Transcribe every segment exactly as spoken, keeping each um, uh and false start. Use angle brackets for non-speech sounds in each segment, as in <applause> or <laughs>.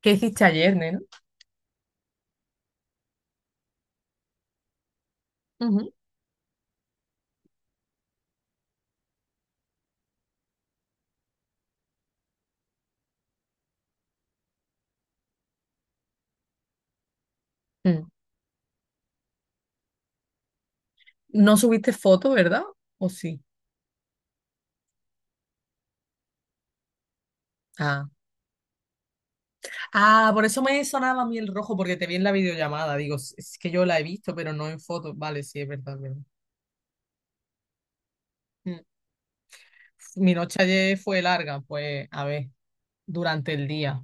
¿Qué hiciste ayer, nena? Ujú. Mm. No subiste foto, ¿verdad? ¿O sí? Ah. Ah, por eso me sonaba a mí el rojo, porque te vi en la videollamada. Digo, "Es es que yo la he visto, pero no en foto. Vale, sí, es verdad, es verdad. Mm. Mi noche ayer fue larga, pues, a ver, durante el día.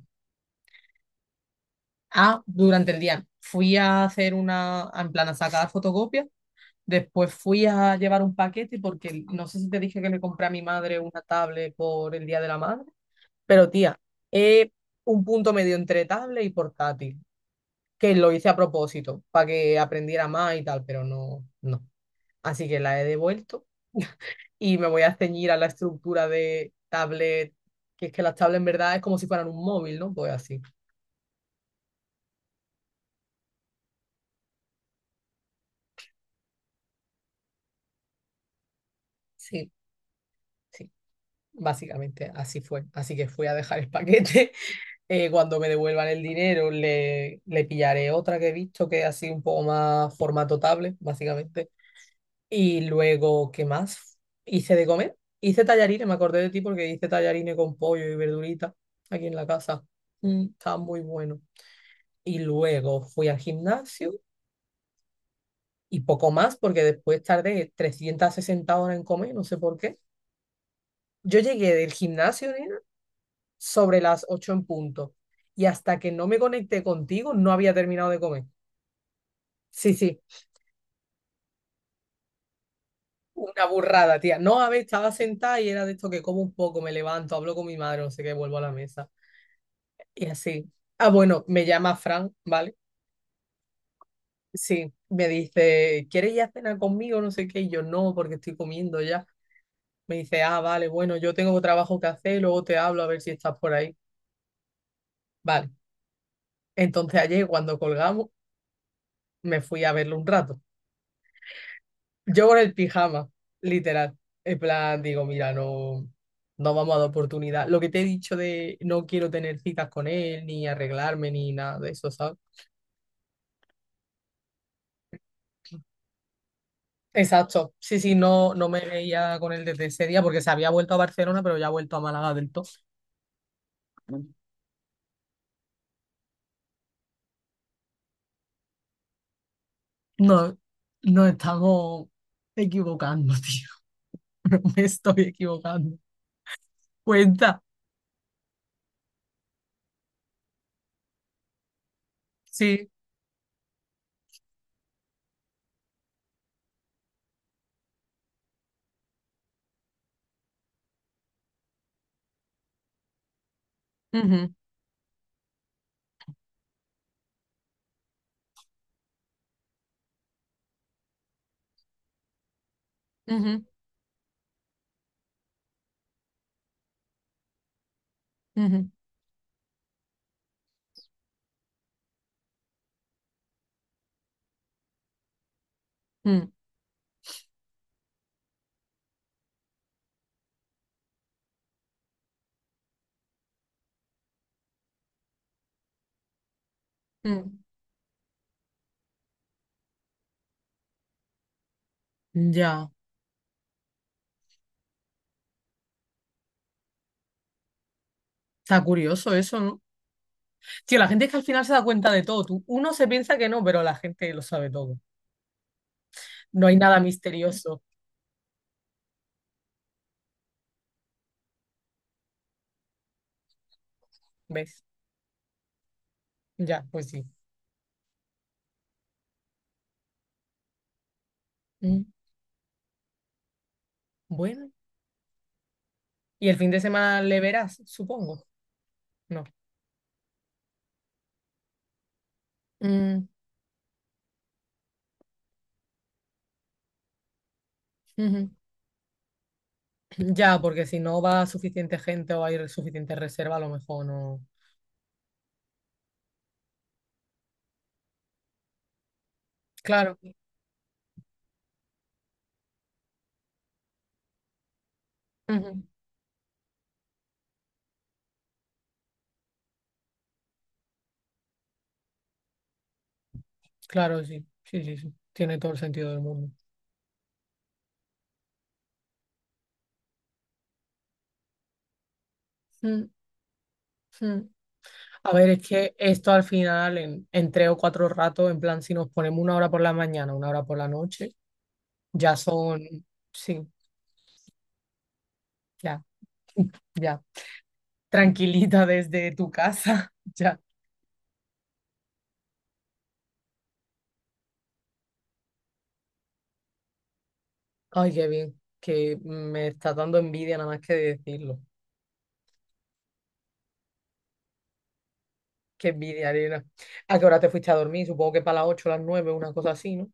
Ah, durante el día. Fui a hacer una, en plan, a sacar fotocopias. Después fui a llevar un paquete porque no sé si te dije que le compré a mi madre una tablet por el Día de la Madre. Pero tía, eh, un punto medio entre tablet y portátil, que lo hice a propósito, para que aprendiera más y tal, pero no, no. Así que la he devuelto <laughs> y me voy a ceñir a la estructura de tablet, que es que las tablets en verdad es como si fueran un móvil, ¿no? Pues así. Sí. Sí, básicamente así fue. Así que fui a dejar el paquete. <laughs> Eh, cuando me devuelvan el dinero, le, le pillaré otra que he visto que es así un poco más formato tablet, básicamente. Y luego, ¿qué más? Hice de comer. Hice tallarines, me acordé de ti porque hice tallarines con pollo y verdurita aquí en la casa. Mm, estaba muy bueno. Y luego fui al gimnasio y poco más porque después tardé trescientas sesenta horas en comer, no sé por qué. Yo llegué del gimnasio, nena, sobre las ocho en punto. Y hasta que no me conecté contigo, no había terminado de comer. Sí, sí, una burrada, tía. No, a ver, estaba sentada y era de esto que como un poco, me levanto, hablo con mi madre, no sé qué, vuelvo a la mesa. Y así. Ah, bueno, me llama Fran, ¿vale? Sí, me dice, ¿quieres ir a cenar conmigo? No sé qué. Y yo no, porque estoy comiendo ya. Me dice, ah, vale, bueno, yo tengo trabajo que hacer, luego te hablo a ver si estás por ahí. Vale. Entonces ayer cuando colgamos, me fui a verlo un rato. Yo con el pijama, literal. En plan, digo, mira, no, no vamos a dar oportunidad. Lo que te he dicho de no quiero tener citas con él, ni arreglarme, ni nada de eso, ¿sabes? Exacto. Sí, sí, no, no me veía con él desde ese día porque se había vuelto a Barcelona, pero ya ha vuelto a Málaga del todo. No, nos estamos equivocando, tío. <laughs> No me estoy equivocando. Cuenta. Sí. Ujú, ujú, ujú, mm, mm. Ya. Está curioso eso, ¿no? Tío, la gente es que al final se da cuenta de todo. Tú, uno se piensa que no, pero la gente lo sabe todo. No hay nada misterioso. ¿Ves? Ya, pues sí. Mm. Bueno. Y el fin de semana le verás, supongo. No. Mm, ujú. <clears throat> Ya, porque si no va suficiente gente o hay suficiente reserva, a lo mejor no. Claro. Ujú. Claro, sí. Sí, sí, sí. Tiene todo el sentido del mundo. Mm, mm. A ver, es que esto al final, en, en tres o cuatro ratos, en plan, si nos ponemos una hora por la mañana, una hora por la noche, ya son, sí, ya, <laughs> ya, tranquilita desde tu casa, <laughs> ya. Ay, qué bien, que me está dando envidia nada más que de decirlo. Qué envidia, Ariana. ¿A qué hora te fuiste a dormir? Supongo que para las ocho, las nueve, una cosa así, ¿no?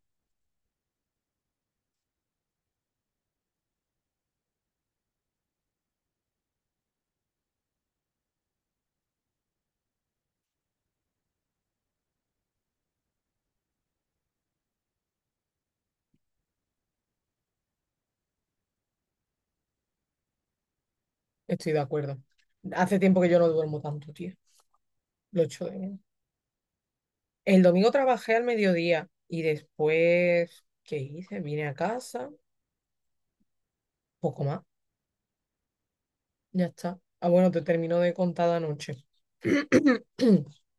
Estoy de acuerdo. Hace tiempo que yo no duermo tanto, tío. Lo echo de menos. El domingo trabajé al mediodía y después, ¿qué hice? Vine a casa, poco más, ya está. Ah, bueno, te termino de contar la noche. <clears throat>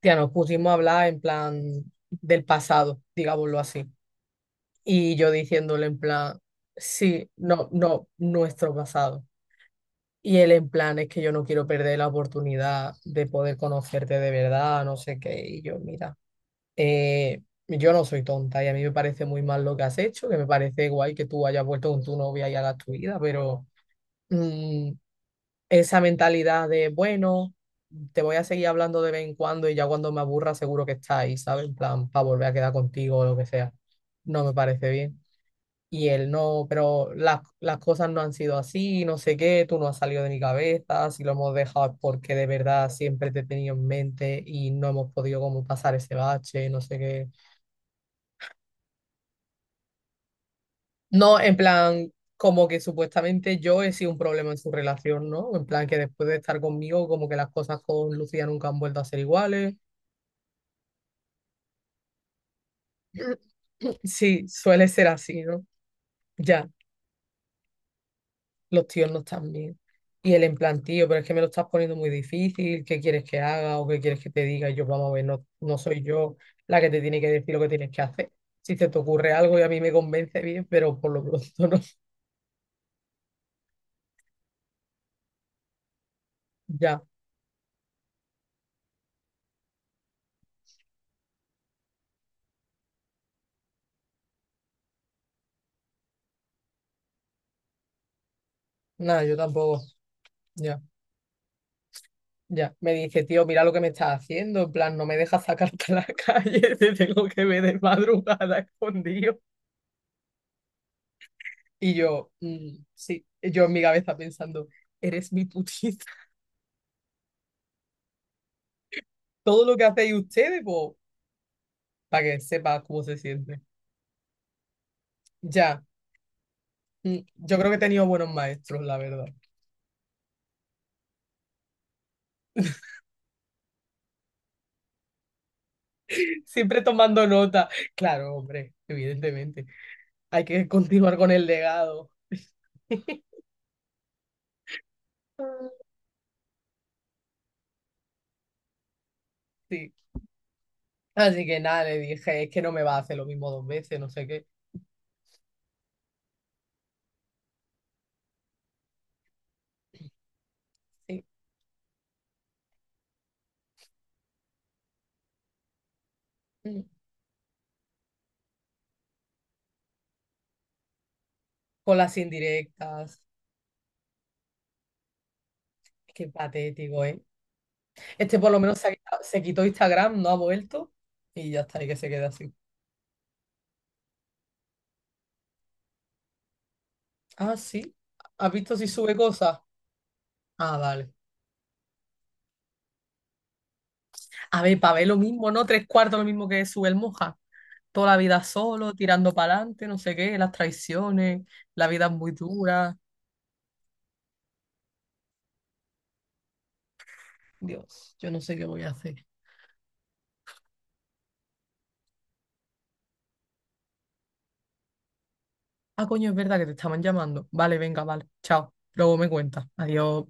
Tía, nos pusimos a hablar en plan del pasado, digámoslo así. Y yo diciéndole en plan, sí, no, no, nuestro pasado. Y él en plan, es que yo no quiero perder la oportunidad de poder conocerte de verdad, no sé qué. Y yo, mira, eh, yo no soy tonta y a mí me parece muy mal lo que has hecho, que me parece guay que tú hayas vuelto con tu novia y hagas tu vida, pero mm, esa mentalidad de, bueno, te voy a seguir hablando de vez en cuando y ya cuando me aburra seguro que está ahí, ¿sabes? En plan, para volver a quedar contigo o lo que sea. No me parece bien. Y él no, pero las, las cosas no han sido así, no sé qué, tú no has salido de mi cabeza, si lo hemos dejado es porque de verdad siempre te he tenido en mente y no hemos podido como pasar ese bache, no sé qué. No, en plan, como que supuestamente yo he sido un problema en su relación, ¿no? En plan que después de estar conmigo, como que las cosas con Lucía nunca han vuelto a ser iguales. <clears throat> Sí, suele ser así, ¿no? Ya. Los tíos no están bien. Y él en plan, tío, pero es que me lo estás poniendo muy difícil, ¿qué quieres que haga o qué quieres que te diga? Y yo, vamos a ver, no, no soy yo la que te tiene que decir lo que tienes que hacer. Si se te ocurre algo y a mí me convence bien, pero por lo pronto no. <laughs> Ya, nada, yo tampoco. Ya, ya. Me dice, tío, mira lo que me estás haciendo. En plan, no me dejas sacarte a la <laughs> calle, te tengo que ver de madrugada escondido. Y yo, mm, sí, yo en mi cabeza pensando, eres mi putita. <laughs> Todo lo que hacéis ustedes, pues, para que sepas cómo se siente. Ya, mm, yo creo que he tenido buenos maestros, la verdad. <laughs> Siempre tomando nota. Claro, hombre, evidentemente. Hay que continuar con el legado. <laughs> Sí. Así que nada, le dije, es que no me va a hacer lo mismo dos veces, no sé qué. Sí. Mm. Con las indirectas. Qué patético, ¿eh? Este por lo menos se, ha quitado- se quitó Instagram, no ha vuelto. Y ya está, y que se quede así. Ah, sí. ¿Has visto si sube cosas? Ah, vale. A ver, Pavel lo mismo, ¿no? Tres cuartos lo mismo que sube el Moja. Toda la vida solo, tirando para adelante, no sé qué, las traiciones, la vida es muy dura. Dios, yo no sé qué voy a hacer. Ah, coño, es verdad que te estaban llamando. Vale, venga, vale. Chao. Luego me cuentas. Adiós.